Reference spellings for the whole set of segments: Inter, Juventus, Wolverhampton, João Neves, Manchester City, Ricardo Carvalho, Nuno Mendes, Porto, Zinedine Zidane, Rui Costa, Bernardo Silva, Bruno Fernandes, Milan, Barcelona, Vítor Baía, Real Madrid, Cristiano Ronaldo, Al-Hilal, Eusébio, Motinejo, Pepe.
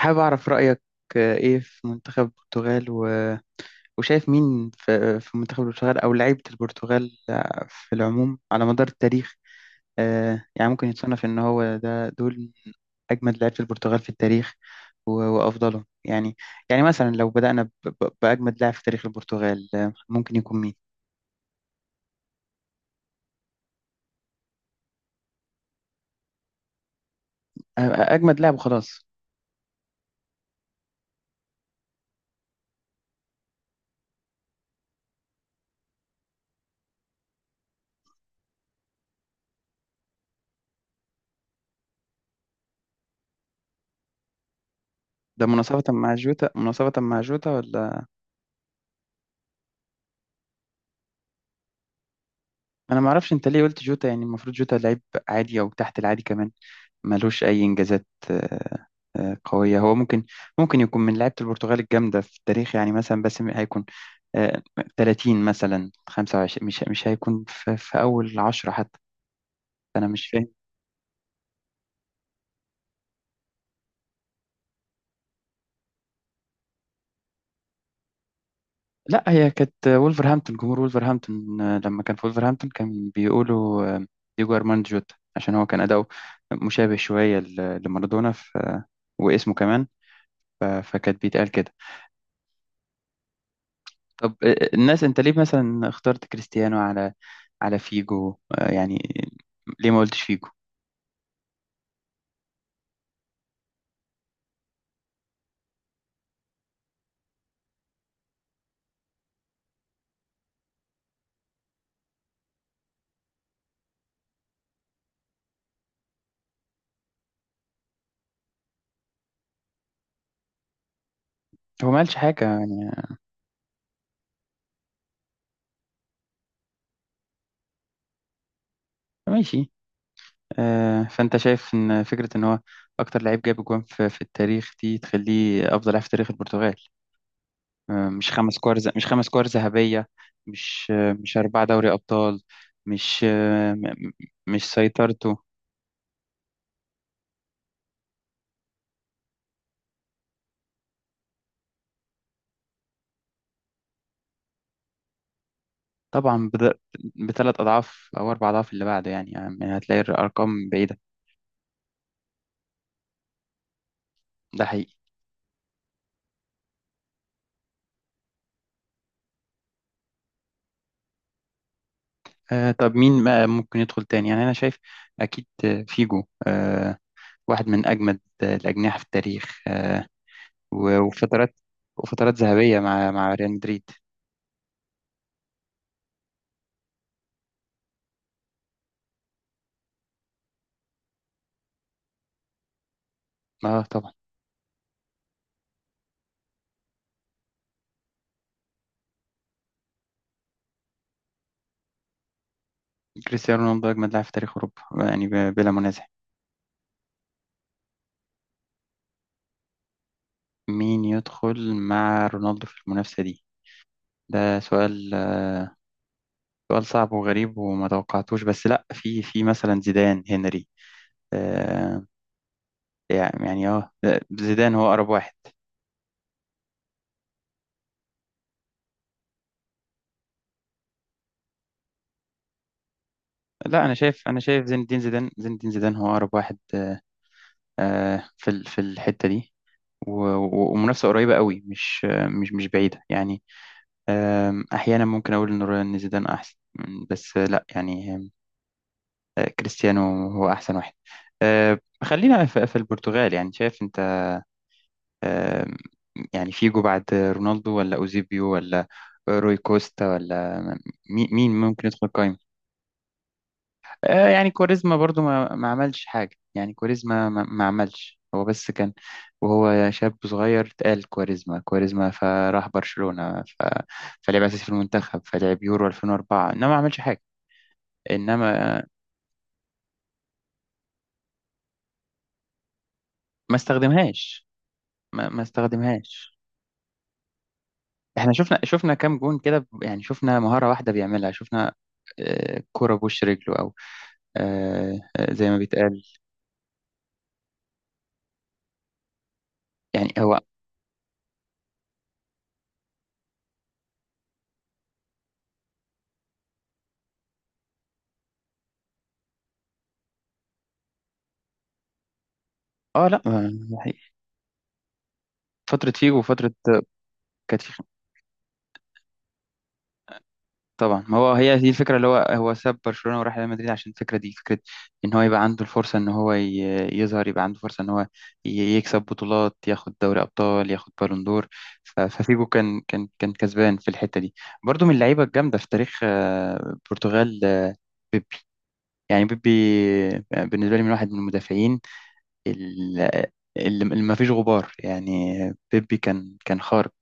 حابب أعرف رأيك، إيه في منتخب البرتغال وشايف مين في منتخب البرتغال أو لعيبة البرتغال في العموم على مدار التاريخ. يعني ممكن يتصنف إن هو ده دول من أجمد لعيبة البرتغال في التاريخ وأفضلهم يعني. يعني مثلا لو بدأنا بأجمد لاعب في تاريخ البرتغال، ممكن يكون مين؟ أجمد لاعب وخلاص. ده مناصفة مع جوتا، ولا؟ أنا معرفش أنت ليه قلت جوتا، يعني المفروض جوتا لعيب عادي أو تحت العادي كمان، ملوش أي إنجازات قوية. هو ممكن يكون من لعيبة البرتغال الجامدة في التاريخ، يعني مثلا بس هيكون آه، 30 مثلا، 25، مش هيكون في أول عشرة حتى. أنا مش فاهم. لا هي كانت وولفرهامبتون، جمهور وولفرهامبتون لما كان في وولفرهامبتون كان بيقولوا ديجو أرماند جوتا، عشان هو كان أداؤه مشابه شوية لمارادونا، واسمه كمان، فكانت بيتقال كده. طب الناس، انت ليه مثلا اخترت كريستيانو على فيجو؟ يعني ليه ما قلتش فيجو؟ هو ما قالش حاجة يعني. ماشي. فانت شايف ان فكرة ان هو اكتر لعيب جاب جوان في التاريخ دي تخليه افضل لاعب في تاريخ البرتغال؟ مش خمس كور مش خمس كور ذهبية؟ مش مش أربعة دوري أبطال؟ مش مش سيطرته؟ طبعا بثلاث أضعاف أو أربع أضعاف اللي بعده، يعني هتلاقي الأرقام بعيدة. ده حقيقي. آه، طب مين ما ممكن يدخل تاني؟ يعني أنا شايف أكيد، فيجو، آه، واحد من أجمد، الأجنحة في التاريخ، آه، وفترات، ذهبية مع ريال مدريد. اه طبعا. كريستيانو رونالدو أجمد لاعب في تاريخ أوروبا، يعني بلا منازع. مين يدخل مع رونالدو في المنافسة دي؟ ده سؤال، سؤال صعب وغريب وما توقعتوش، بس لا، في مثلا زيدان، هنري، آه يعني اه، زيدان هو أقرب واحد. لا انا شايف، زين الدين زيدان، هو اقرب واحد، في في الحتة دي، ومنافسة قريبة قوي، مش مش بعيدة يعني. أحيانا ممكن أقول إن إن زيدان أحسن بس لا يعني، كريستيانو هو أحسن واحد. آه، خلينا في البرتغال. يعني شايف أنت، آم، يعني فيجو بعد رونالدو ولا أوزيبيو ولا روي كوستا ولا مين ممكن يدخل قائمة؟ آه، يعني كاريزما برضو ما عملش حاجة. يعني كاريزما ما عملش، هو بس كان وهو شاب صغير اتقال كاريزما كاريزما، فراح برشلونة فلعب أساسي في المنتخب، فلعب يورو 2004، إنما ما عملش حاجة. إنما ما استخدمهاش، ما استخدمهاش. إحنا شفنا، كام جون كده يعني، شفنا مهارة واحدة بيعملها، شفنا، كرة بوش رجله أو زي ما بيتقال يعني. هو اه لا فترة فيجو وفترة كانت في. طبعا، ما هو هي دي الفكره، اللي هو ساب برشلونه وراح ريال مدريد عشان الفكره دي فكره ان هو يبقى عنده الفرصه ان هو يظهر، يبقى عنده فرصه ان هو يكسب بطولات، ياخد دوري ابطال، ياخد بالون دور. ففيجو كان كسبان في الحته دي. برضو من اللعيبه الجامده في تاريخ، البرتغال، يعني بيبي. آه، بالنسبه لي من واحد من المدافعين ال- اللي ما فيش غبار يعني. بيبي كان خارق،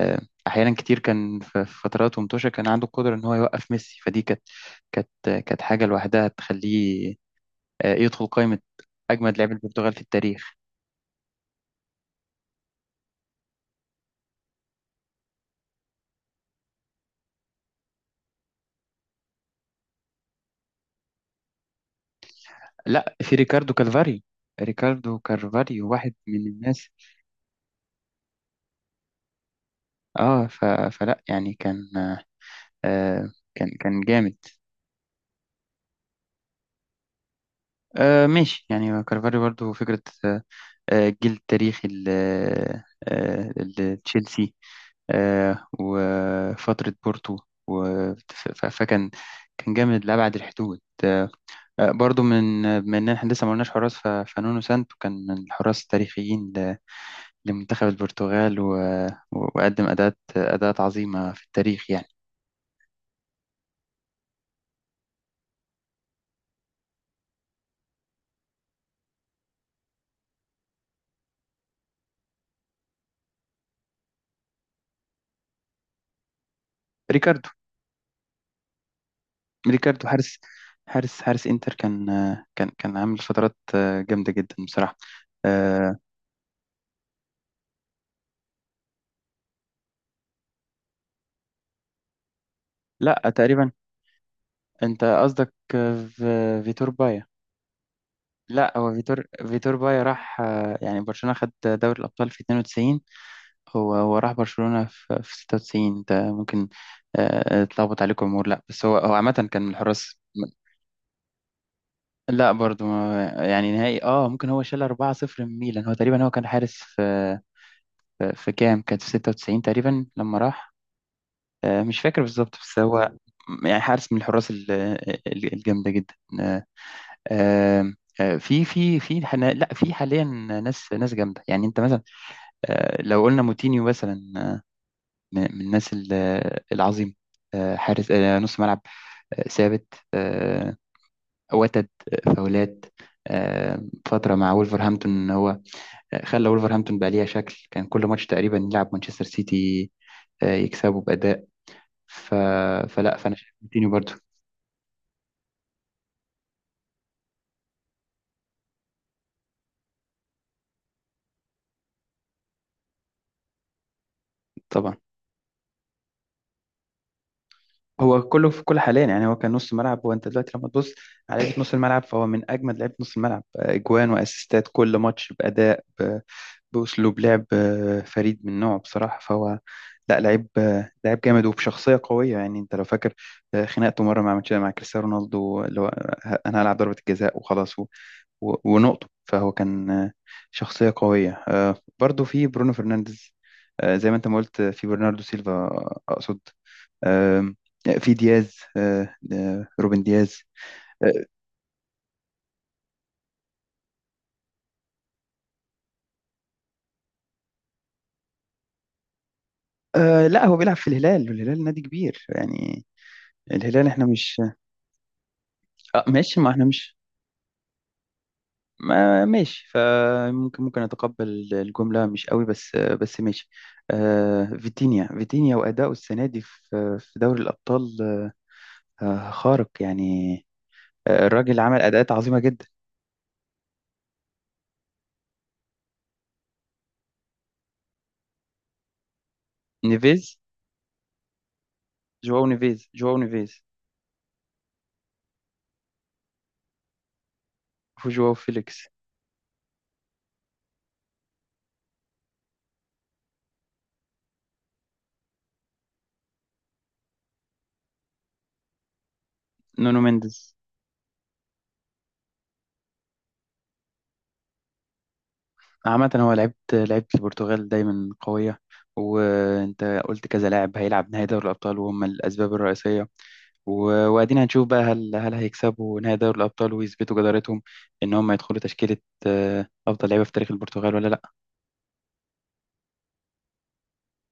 آه، احيانا كتير كان في فترات ومتوشة كان عنده القدره ان هو يوقف ميسي، فدي كانت، كانت كانت حاجه لوحدها تخليه، يدخل قائمه اجمد لاعبي البرتغال في التاريخ. لا، في ريكاردو كالفاريو، ريكاردو كالفاريو واحد من الناس، اه. فلا يعني كان آه، كان جامد. آه، ماشي يعني. كالفاريو برضو فكره، آه، الجيل التاريخي آه، لتشيلسي، وفترة بورتو، فكان، كان جامد لأبعد الحدود، آه، برضو من إحنا لسه ما قلناش حراس. فنونو سانتو كان من الحراس التاريخيين لمنتخب البرتغال، وقدم أداءات عظيمة في التاريخ يعني. ريكاردو، حارس، حارس انتر، كان آه، كان عامل فترات آه، جامدة جدا بصراحة. آه، لا تقريبا. انت قصدك في فيتور بايا؟ لا هو فيتور، بايا راح، يعني برشلونة خد دوري الأبطال في 92. هو راح برشلونة في 96. انت ممكن، اتلخبط عليكم امور، لا بس هو عامة كان من الحراس. لا برضو يعني نهائي، اه ممكن. هو شال 4-0 من ميلان. هو تقريبا هو كان حارس في كام، كانت في 96 تقريبا لما راح، مش فاكر بالظبط بس هو، يعني حارس من الحراس الجامدة جدا. آه، آم، آه، في حنا، لا في حاليا ناس، جامده يعني. انت مثلا، لو قلنا موتينيو مثلا، من الناس العظيمه، آه، حارس، آه، نص ملعب، آه، ثابت، آه، وتد، آه، فاولات، آه، فتره مع وولفرهامبتون. هو، آه، خلى وولفرهامبتون بقى ليها شكل، كان كل ماتش تقريبا يلعب مانشستر سيتي، آه، يكسبه باداء. ف... فلا، فانا شايف موتينيو برضو. طبعا. هو كله في كل حاليا يعني. هو كان نص ملعب، وانت دلوقتي لما تبص على لعيبه نص الملعب، فهو من اجمد لعيبه نص الملعب، آه، اجوان واسيستات كل ماتش، باداء، باسلوب لعب، آه، فريد من نوعه بصراحه. فهو لا لعيب، آه، لعيب جامد، وبشخصيه قويه يعني. انت لو فاكر، آه، خناقته مره مع ماتش مع كريستيانو رونالدو، اللي هو، آه، انا هلعب ضربه الجزاء وخلاص ونقطه، فهو كان، آه، شخصيه قويه. آه، برضو في برونو فرنانديز، آه، زي ما انت ما قلت. آه، في برناردو سيلفا، آه، اقصد، آم، في دياز، آه، آه، روبن دياز. آه، آه، لا هو بيلعب في الهلال، والهلال نادي كبير يعني. الهلال احنا مش، آه، ماشي، ما احنا مش، ما ماشي، فممكن اتقبل الجملة مش قوي، بس آه، بس ماشي. آه، فيتينيا، وأداؤه السنة دي في دوري الأبطال، آه، خارق يعني. آه، الراجل عمل أداءات عظيمة جدا. نيفيز، جواو نيفيز، وجواو فيليكس. نونو مينديز. عامة هو لعيبة، البرتغال دايما قوية. وانت قلت كذا لاعب هيلعب نهائي دوري الأبطال وهم الأسباب الرئيسية، وادينا هنشوف بقى، هل هيكسبوا نهائي دوري الأبطال ويثبتوا جدارتهم إن هم يدخلوا تشكيلة، أفضل لعيبة في تاريخ البرتغال ولا لأ؟